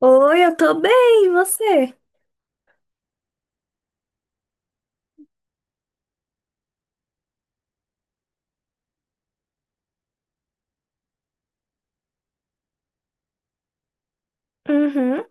Oi, eu tô bem, e você? Uhum,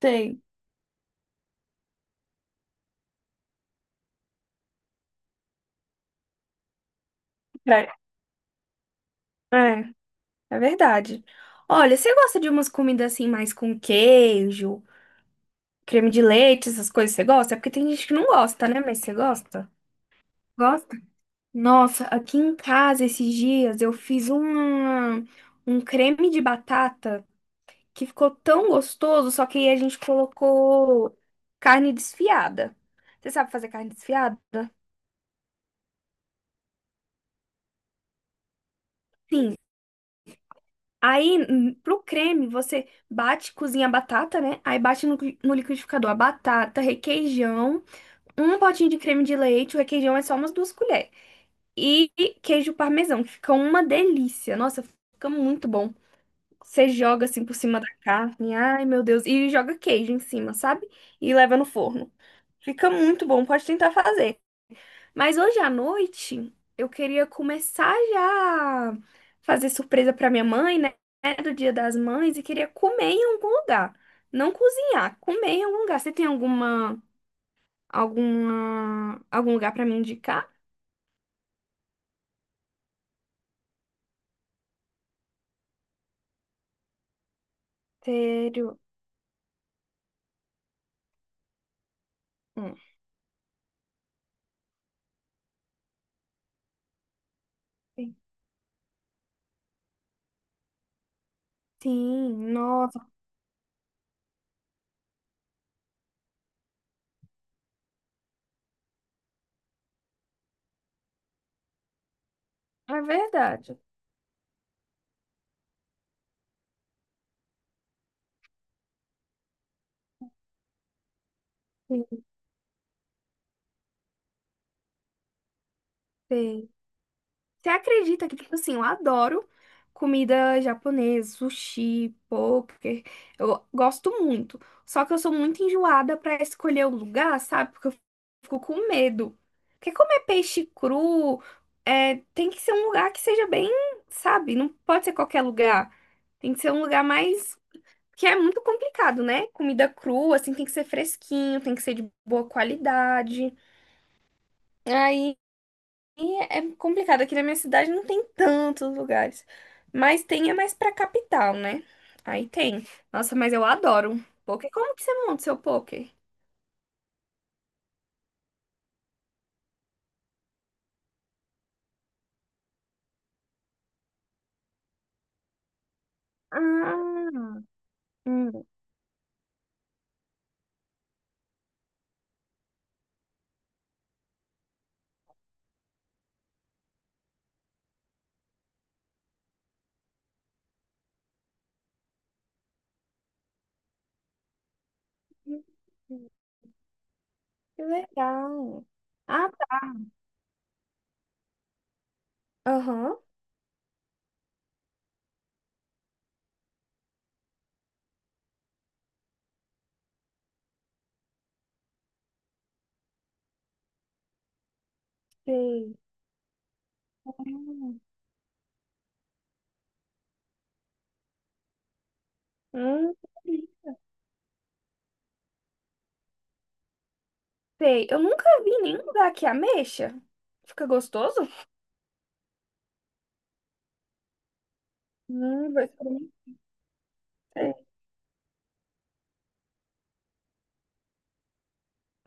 tem. É, é, é verdade. Olha, você gosta de umas comidas assim mais com queijo, creme de leite, essas coisas você gosta? É porque tem gente que não gosta, né? Mas você gosta? Gosta? Nossa, aqui em casa esses dias eu fiz um creme de batata que ficou tão gostoso, só que aí a gente colocou carne desfiada. Você sabe fazer carne desfiada? Sim. Aí, pro creme, você bate, cozinha a batata, né? Aí bate no liquidificador a batata, requeijão, um potinho de creme de leite, o requeijão é só umas duas colheres. E queijo parmesão, que fica uma delícia. Nossa, fica muito bom. Você joga assim por cima da carne, ai meu Deus, e joga queijo em cima, sabe? E leva no forno. Fica muito bom, pode tentar fazer. Mas hoje à noite eu queria começar já a fazer surpresa para minha mãe, né? Do Dia das Mães e queria comer em algum lugar. Não cozinhar, comer em algum lugar. Você tem algum lugar para me indicar? Sério? Hum. Sim, nossa, é verdade. Sim. Você acredita que, tipo assim, eu adoro comida japonesa, sushi, poker. Eu gosto muito. Só que eu sou muito enjoada pra escolher o lugar, sabe? Porque eu fico com medo. Porque comer peixe cru é, tem que ser um lugar que seja bem, sabe? Não pode ser qualquer lugar. Tem que ser um lugar mais. Que é muito complicado, né? Comida crua, assim, tem que ser fresquinho, tem que ser de boa qualidade. Aí. E é complicado, aqui na minha cidade não tem tantos lugares. Mas tem é mais pra capital, né? Aí tem. Nossa, mas eu adoro poker. Como que você monta o seu poker? Ah, hum, que legal. Ah, tá. Aham. Sei. Hum, sei. Eu nunca vi em nenhum lugar que ameixa. Fica gostoso? Vou experimentar.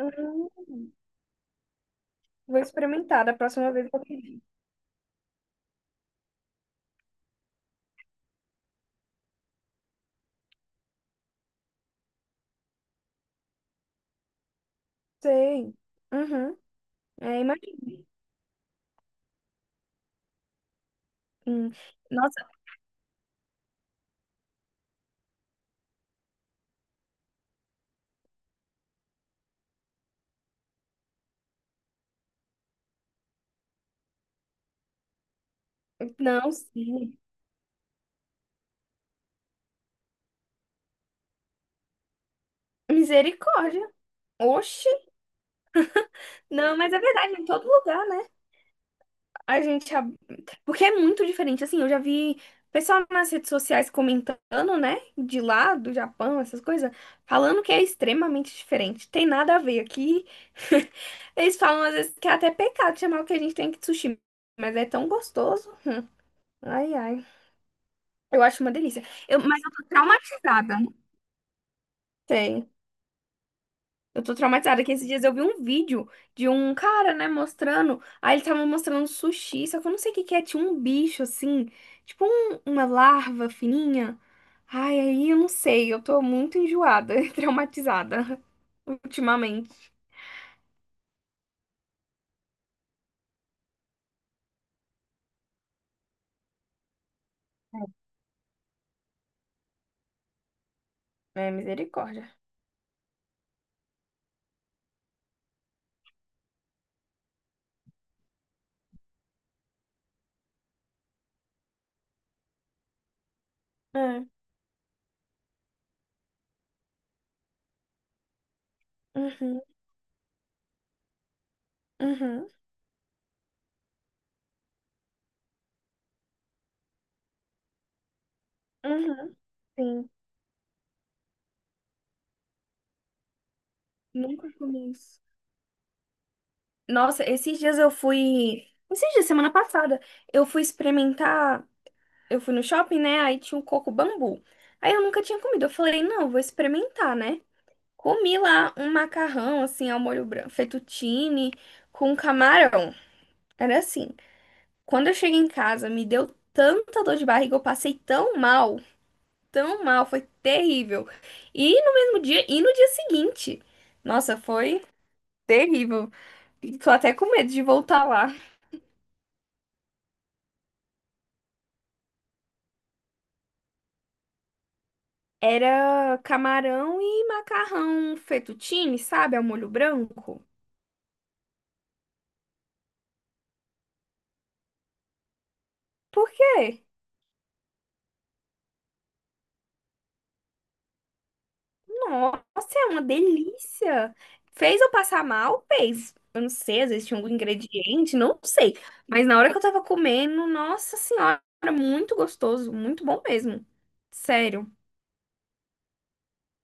Hum, Vou experimentar da próxima vez que eu pedir. Sei. Uhum. É, imagina. Hum, Nossa, não, sim. Misericórdia. Oxi. Não, mas é verdade, em todo lugar, né? A gente. Porque é muito diferente. Assim, eu já vi pessoal nas redes sociais comentando, né? De lá, do Japão, essas coisas, falando que é extremamente diferente. Tem nada a ver aqui. Eles falam às vezes que é até pecado chamar o que a gente tem aqui de sushi. Mas é tão gostoso. Ai, ai. Eu acho uma delícia. Mas eu tô traumatizada. Sei. Eu tô traumatizada que esses dias eu vi um vídeo de um cara, né, mostrando. Aí ele tava mostrando sushi, só que eu não sei o que que é. Tinha um bicho assim, tipo uma larva fininha. Ai, aí eu não sei. Eu tô muito enjoada traumatizada ultimamente. É, misericórdia. É, uhum, uhum, uhum. Sim, nunca comi isso. Nossa, esses dias eu fui. Esses dias, semana passada, eu fui experimentar. Eu fui no shopping, né? Aí tinha um Coco Bambu. Aí eu nunca tinha comido. Eu falei, não, vou experimentar, né? Comi lá um macarrão, assim, ao molho branco, fettuccine, com camarão. Era assim. Quando eu cheguei em casa, me deu tanta dor de barriga, eu passei tão mal, foi terrível. E no mesmo dia, e no dia seguinte. Nossa, foi terrível. E tô até com medo de voltar lá. Era camarão e macarrão fettuccine, sabe? Ao molho branco. Por quê? Nossa, é uma delícia. Fez eu passar mal? Fez. Eu não sei, às vezes tinha algum ingrediente, não sei. Mas na hora que eu tava comendo, nossa senhora, muito gostoso, muito bom mesmo. Sério,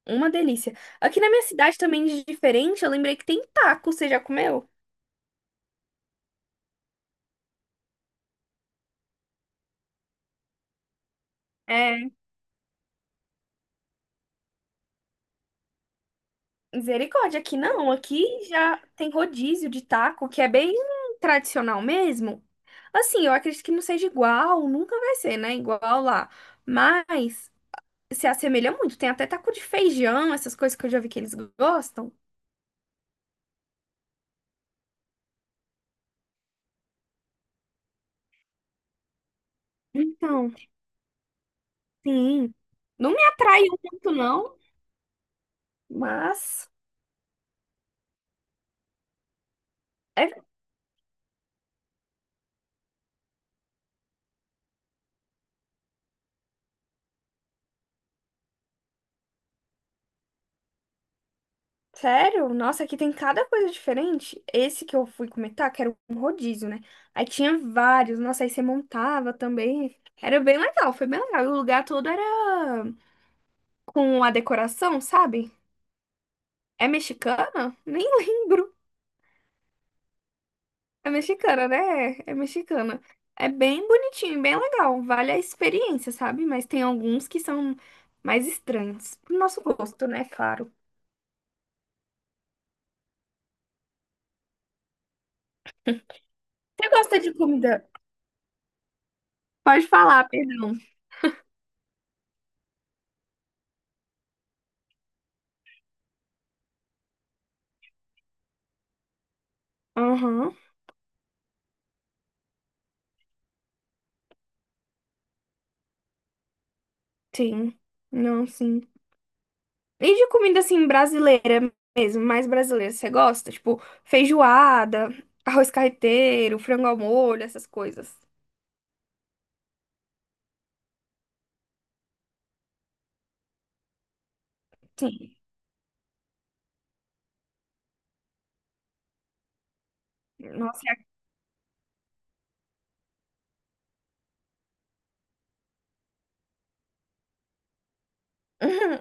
uma delícia. Aqui na minha cidade também de diferente, eu lembrei que tem taco, você já comeu? É, misericórdia, aqui não, aqui já tem rodízio de taco, que é bem tradicional mesmo. Assim, eu acredito que não seja igual, nunca vai ser, né? Igual lá. Mas se assemelha muito. Tem até taco de feijão, essas coisas que eu já vi que eles gostam. Então, sim. Não me atraiu muito, não, mas é sério, nossa, aqui tem cada coisa diferente. Esse que eu fui comentar, que era um rodízio, né? Aí tinha vários, nossa, aí você montava também. Era bem legal, foi bem legal. E o lugar todo era com a decoração, sabe? É mexicana? Nem lembro. É mexicana, né? É mexicana. É bem bonitinho, bem legal. Vale a experiência, sabe? Mas tem alguns que são mais estranhos. Pro nosso gosto, né? Claro. Você gosta de comida? Pode falar, perdão. Aham, sim. Não, sim. E de comida, assim, brasileira mesmo, mais brasileira, você gosta? Tipo, feijoada, arroz carreteiro, frango ao molho, essas coisas. Sim. Nossa, é-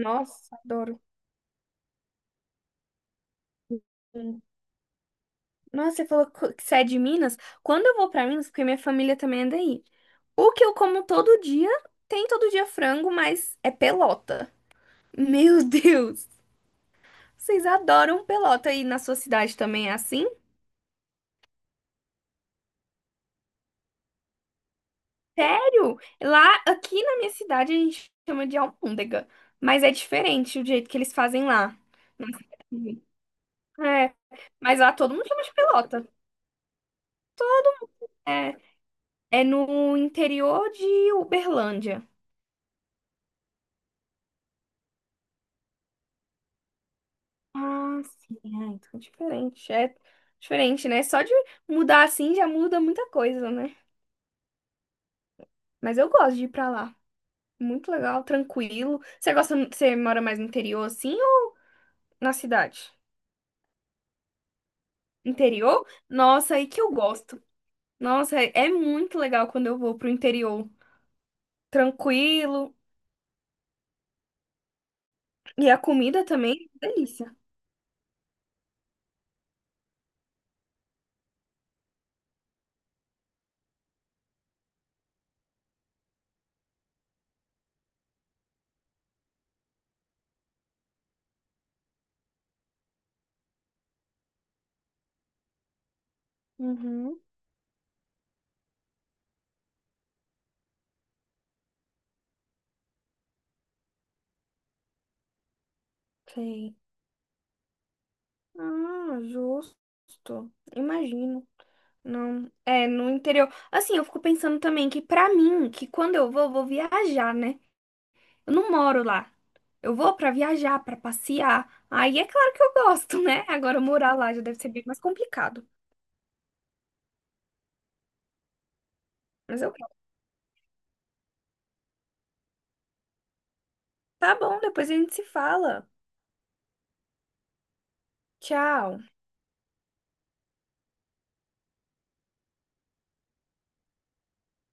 nossa, adoro. Nossa, você falou que você é de Minas? Quando eu vou pra Minas, porque minha família também é daí. O que eu como todo dia, tem todo dia frango, mas é pelota. Meu Deus! Vocês adoram pelota e na sua cidade também é assim? Sério? Lá, aqui na minha cidade, a gente chama de almôndega, mas é diferente o jeito que eles fazem lá. É, mas lá todo mundo chama de pelota. É, é no interior de Uberlândia. Ah, sim. Ah, então é diferente. É diferente, né? Só de mudar assim já muda muita coisa, né? Mas eu gosto de ir pra lá. Muito legal, tranquilo. Você gosta, você mora mais no interior assim ou na cidade? Interior? Nossa, aí que eu gosto. Nossa, é muito legal quando eu vou pro interior. Tranquilo. E a comida também, delícia. Uhum. Sei. Ah, justo. Imagino. Não, é no interior. Assim, eu fico pensando também que pra mim, que quando eu vou viajar, né? Eu não moro lá. Eu vou pra viajar, pra passear. Aí é claro que eu gosto, né? Agora morar lá já deve ser bem mais complicado. Mas eu quero. Tá bom, depois a gente se fala. Tchau.